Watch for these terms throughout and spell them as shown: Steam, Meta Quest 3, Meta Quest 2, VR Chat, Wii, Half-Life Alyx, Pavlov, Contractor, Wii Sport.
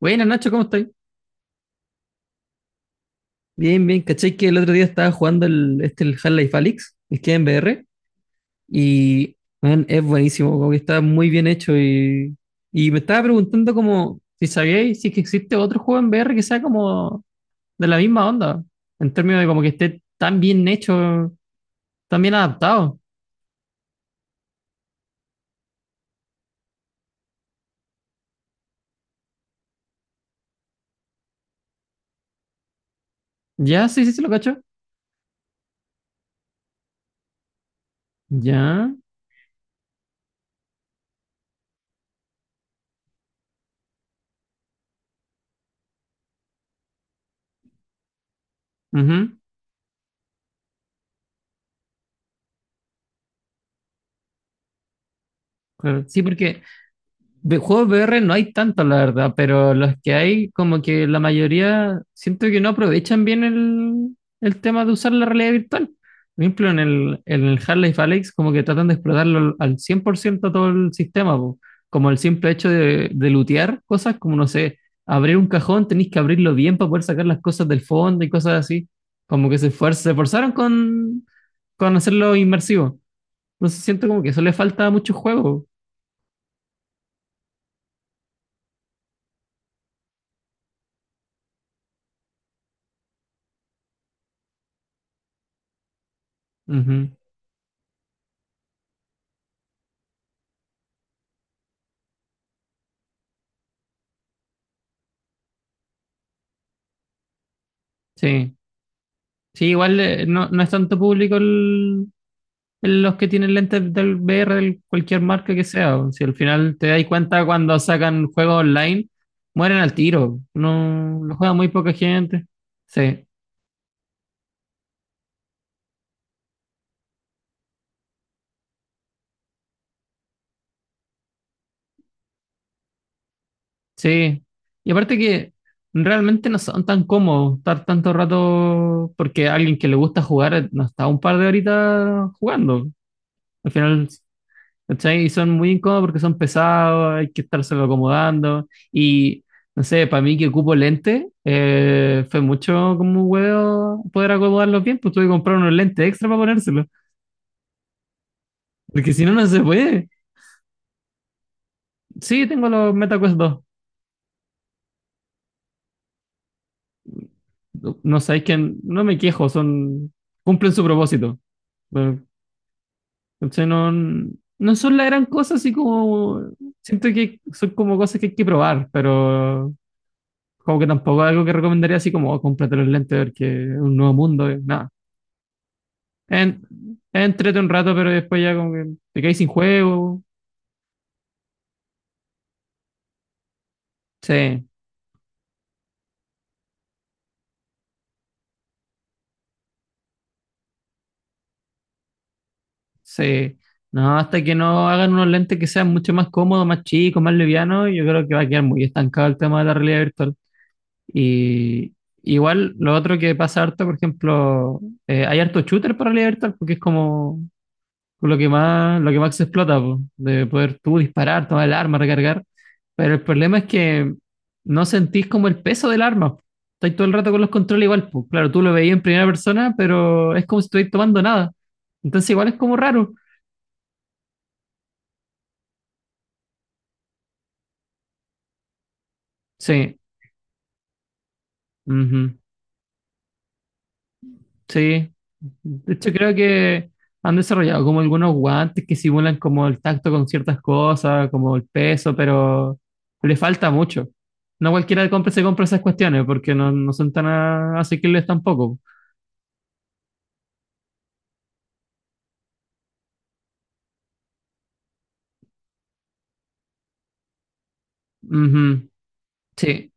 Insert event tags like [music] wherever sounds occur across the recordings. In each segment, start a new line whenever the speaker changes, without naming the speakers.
Bueno, Nacho, ¿cómo estás? Bien, bien. ¿Cachai que el otro día estaba jugando el Half-Life Alyx, el que en VR, y man, es buenísimo, como que está muy bien hecho? Y me estaba preguntando como si sabíais si es que existe otro juego en VR que sea como de la misma onda, en términos de como que esté tan bien hecho, tan bien adaptado. Ya, sí, sí, se lo cacho. Ya. Ujú. Claro. Sí, porque de juegos VR no hay tantos, la verdad, pero los que hay, como que la mayoría, siento que no aprovechan bien el tema de usar la realidad virtual. Por ejemplo, en el Half-Life Alyx, como que tratan de explotarlo al 100% todo el sistema, po. Como el simple hecho de lootear cosas, como no sé, abrir un cajón, tenéis que abrirlo bien para poder sacar las cosas del fondo y cosas así. Como que se esforzaron con hacerlo inmersivo. Entonces siento como que eso le falta a muchos juegos. Ujú. Sí. Sí, igual no, no es tanto público los que tienen lentes del VR, de cualquier marca que sea, o si al final te das cuenta cuando sacan juegos online, mueren al tiro. No lo juega muy poca gente. Sí, sí. Y aparte que realmente no son tan cómodos estar tanto rato, porque alguien que le gusta jugar no está un par de horitas jugando. Al final, ¿cachai? Y son muy incómodos porque son pesados, hay que estárselo acomodando. Y no sé, para mí que ocupo lentes fue mucho como un huevo poder acomodarlos bien, pues tuve que comprar unos lentes extra para ponérselos, porque si no, no se puede. Sí, tengo los MetaQuest 2. No, no sabéis que no me quejo, son cumplen su propósito. Pero, ¿cachai? No, no son la gran cosa, así como siento que son como cosas que hay que probar, pero como que tampoco es algo que recomendaría así como, oh, cómprate los lentes porque es un nuevo mundo, nada. En, entrete un rato, pero después ya como que te caes sin juego. Sí, sí. No, hasta que no hagan unos lentes que sean mucho más cómodos, más chicos, más livianos, yo creo que va a quedar muy estancado el tema de la realidad virtual. Y igual lo otro que pasa harto, por ejemplo, hay harto shooter para realidad virtual porque es como con lo que más se explota, po, de poder tú disparar, tomar el arma, recargar. Pero el problema es que no sentís como el peso del arma, po. Estás todo el rato con los controles igual, po. Claro, tú lo veías en primera persona, pero es como si estuvieras tomando nada. Entonces igual es como raro. Sí. Ujú. Sí, de hecho creo que han desarrollado como algunos guantes que simulan como el tacto con ciertas cosas, como el peso, pero le falta mucho. No cualquiera compra, se compra esas cuestiones porque no, no son tan asequibles tampoco. Ujú. Sí.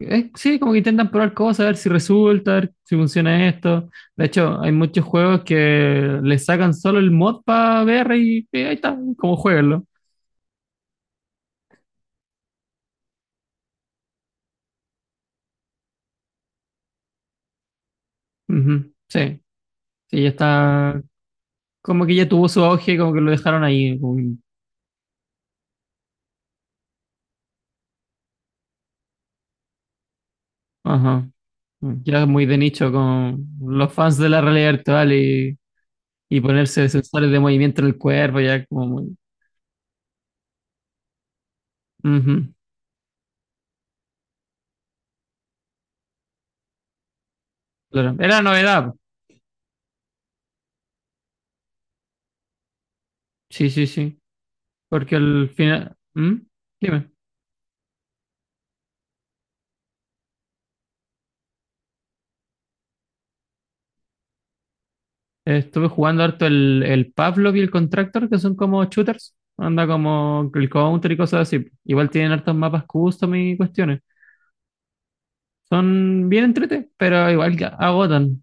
Sí, como que intentan probar cosas, a ver si resulta, a ver si funciona esto. De hecho, hay muchos juegos que le sacan solo el mod para VR y, ahí está, como jueguenlo. Ujú. Sí, sí, ya está. Como que ya tuvo su auge, como que lo dejaron ahí. Como que-. Ajá. Ya es muy de nicho con los fans de la realidad virtual y ponerse sensores de movimiento en el cuerpo, ya como muy. Ujú. Claro. Era novedad. Sí, sí, sí. Porque al final. ¿Mm? Dime. Estuve jugando harto el Pavlov y el Contractor, que son como shooters. Anda como el Counter y cosas así. Igual tienen hartos mapas custom y cuestiones. Son bien entrete, pero igual que agotan.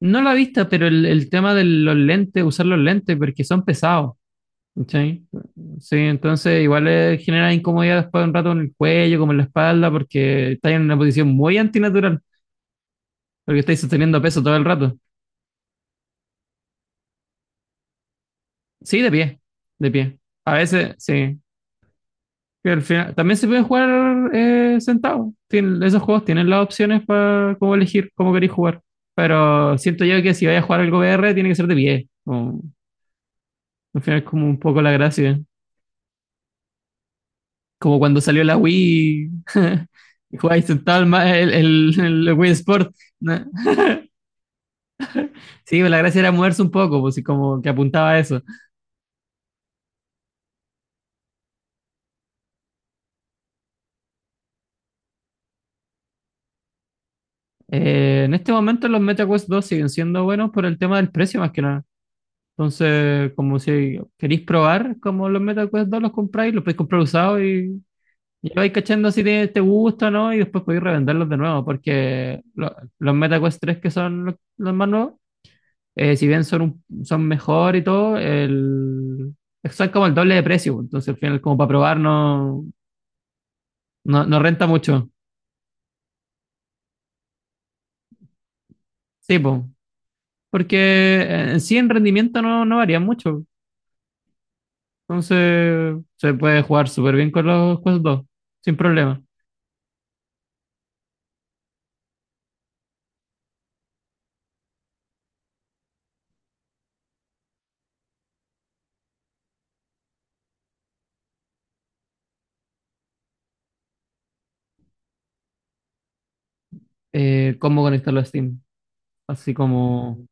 No la vista, pero el tema de los lentes, usar los lentes, porque son pesados. ¿Cachai? Sí, entonces igual genera incomodidad después de un rato en el cuello, como en la espalda, porque estáis en una posición muy antinatural, porque estáis sosteniendo peso todo el rato. Sí, de pie, de pie. A veces, sí. Pero al final, también se puede jugar sentado. Esos juegos tienen las opciones para cómo elegir cómo queréis jugar. Pero siento yo que si vais a jugar algo VR, tiene que ser de pie. Como-, al final es como un poco la gracia. Como cuando salió la Wii, [laughs] jugáis sentado el, ma- el Wii Sport. ¿No? Sí, pues, la gracia era moverse un poco, pues y como que apuntaba a eso. En este momento los Meta Quest 2 siguen siendo buenos por el tema del precio más que nada. Entonces, como si queréis probar como los Meta Quest 2 los compráis, los podéis comprar usados y lo vais cachando si te, te gusta o no y después podéis revenderlos de nuevo porque los Meta Quest 3 que son los más nuevos si bien son, son mejor y todo, el, son como el doble de precio, pues. Entonces, al final, como para probar, no, no, no renta mucho. Sí, po. Porque en sí en rendimiento no, no varía mucho. Entonces, se puede jugar súper bien con los Quest 2 sin problema. Cómo conectarlo a Steam. Así como.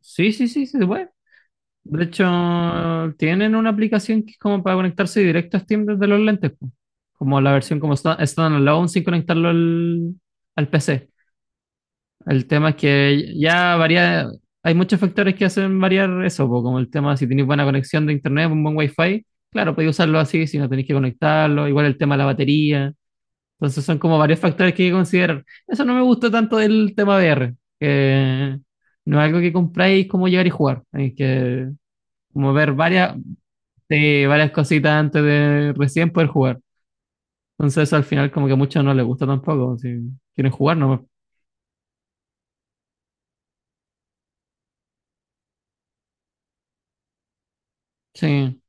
Sí, sí, sí, sí, se puede. De hecho, tienen una aplicación que es como para conectarse directo a Steam desde los lentes, po. Como la versión como standalone sin conectarlo al, al PC. El tema es que ya varía, hay muchos factores que hacen variar eso, po, como el tema si tenéis buena conexión de internet, un buen wifi, claro, podéis usarlo así si no tenéis que conectarlo, igual el tema de la batería. Entonces son como varios factores que hay que considerar. Eso no me gusta tanto del tema VR, que no es algo que compráis como llegar y jugar, hay que como ver varias, sí, varias cositas antes de recién poder jugar. Entonces eso al final como que a muchos no les gusta tampoco. Si quieren jugar, no. Sí.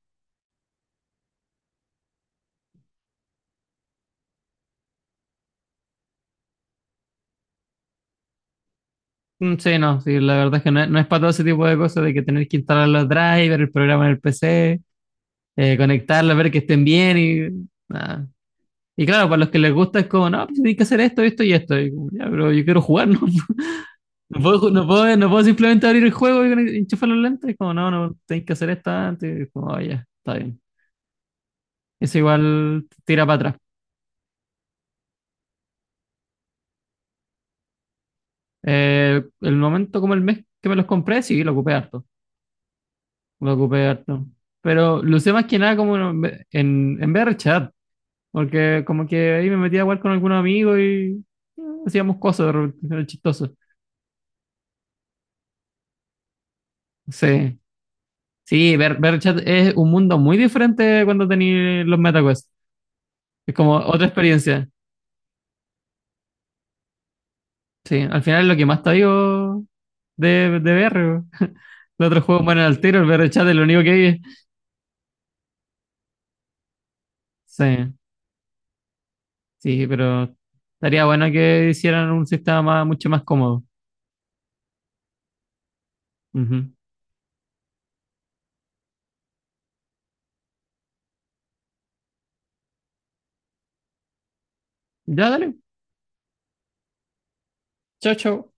Mm, sí, no, sí, la verdad es que no, no es para todo ese tipo de cosas de que tener que instalar los drivers, el programa en el PC, conectarlos, ver que estén bien y nada. Y claro, para los que les gusta es como, no, pues tienes que hacer esto, esto y esto. Y como, ya, pero yo quiero jugar, no, [laughs] no puedo, no puedo, no puedo simplemente abrir el juego y enchufar los lentes. Y como, no, no, tenéis que hacer esto antes. Y como, "Ah, ya, está bien." Eso igual tira para atrás. El momento como el mes que me los compré, sí, lo ocupé harto. Lo ocupé harto. Pero lo usé más que nada como en VR chat. Porque como que ahí me metía a jugar con algún amigo y hacíamos cosas de repente, era chistoso. Sí. Sí, VR chat es un mundo muy diferente cuando tenéis los MetaQuest. Es como otra experiencia. Sí, al final es lo que más te digo de VR. [laughs] Los otros juegos mueren al tiro, el VR chat es lo único que hay. Sí. Sí, pero estaría bueno que hicieran un sistema mucho más cómodo. Ujú. Ya, dale. Chao, chao.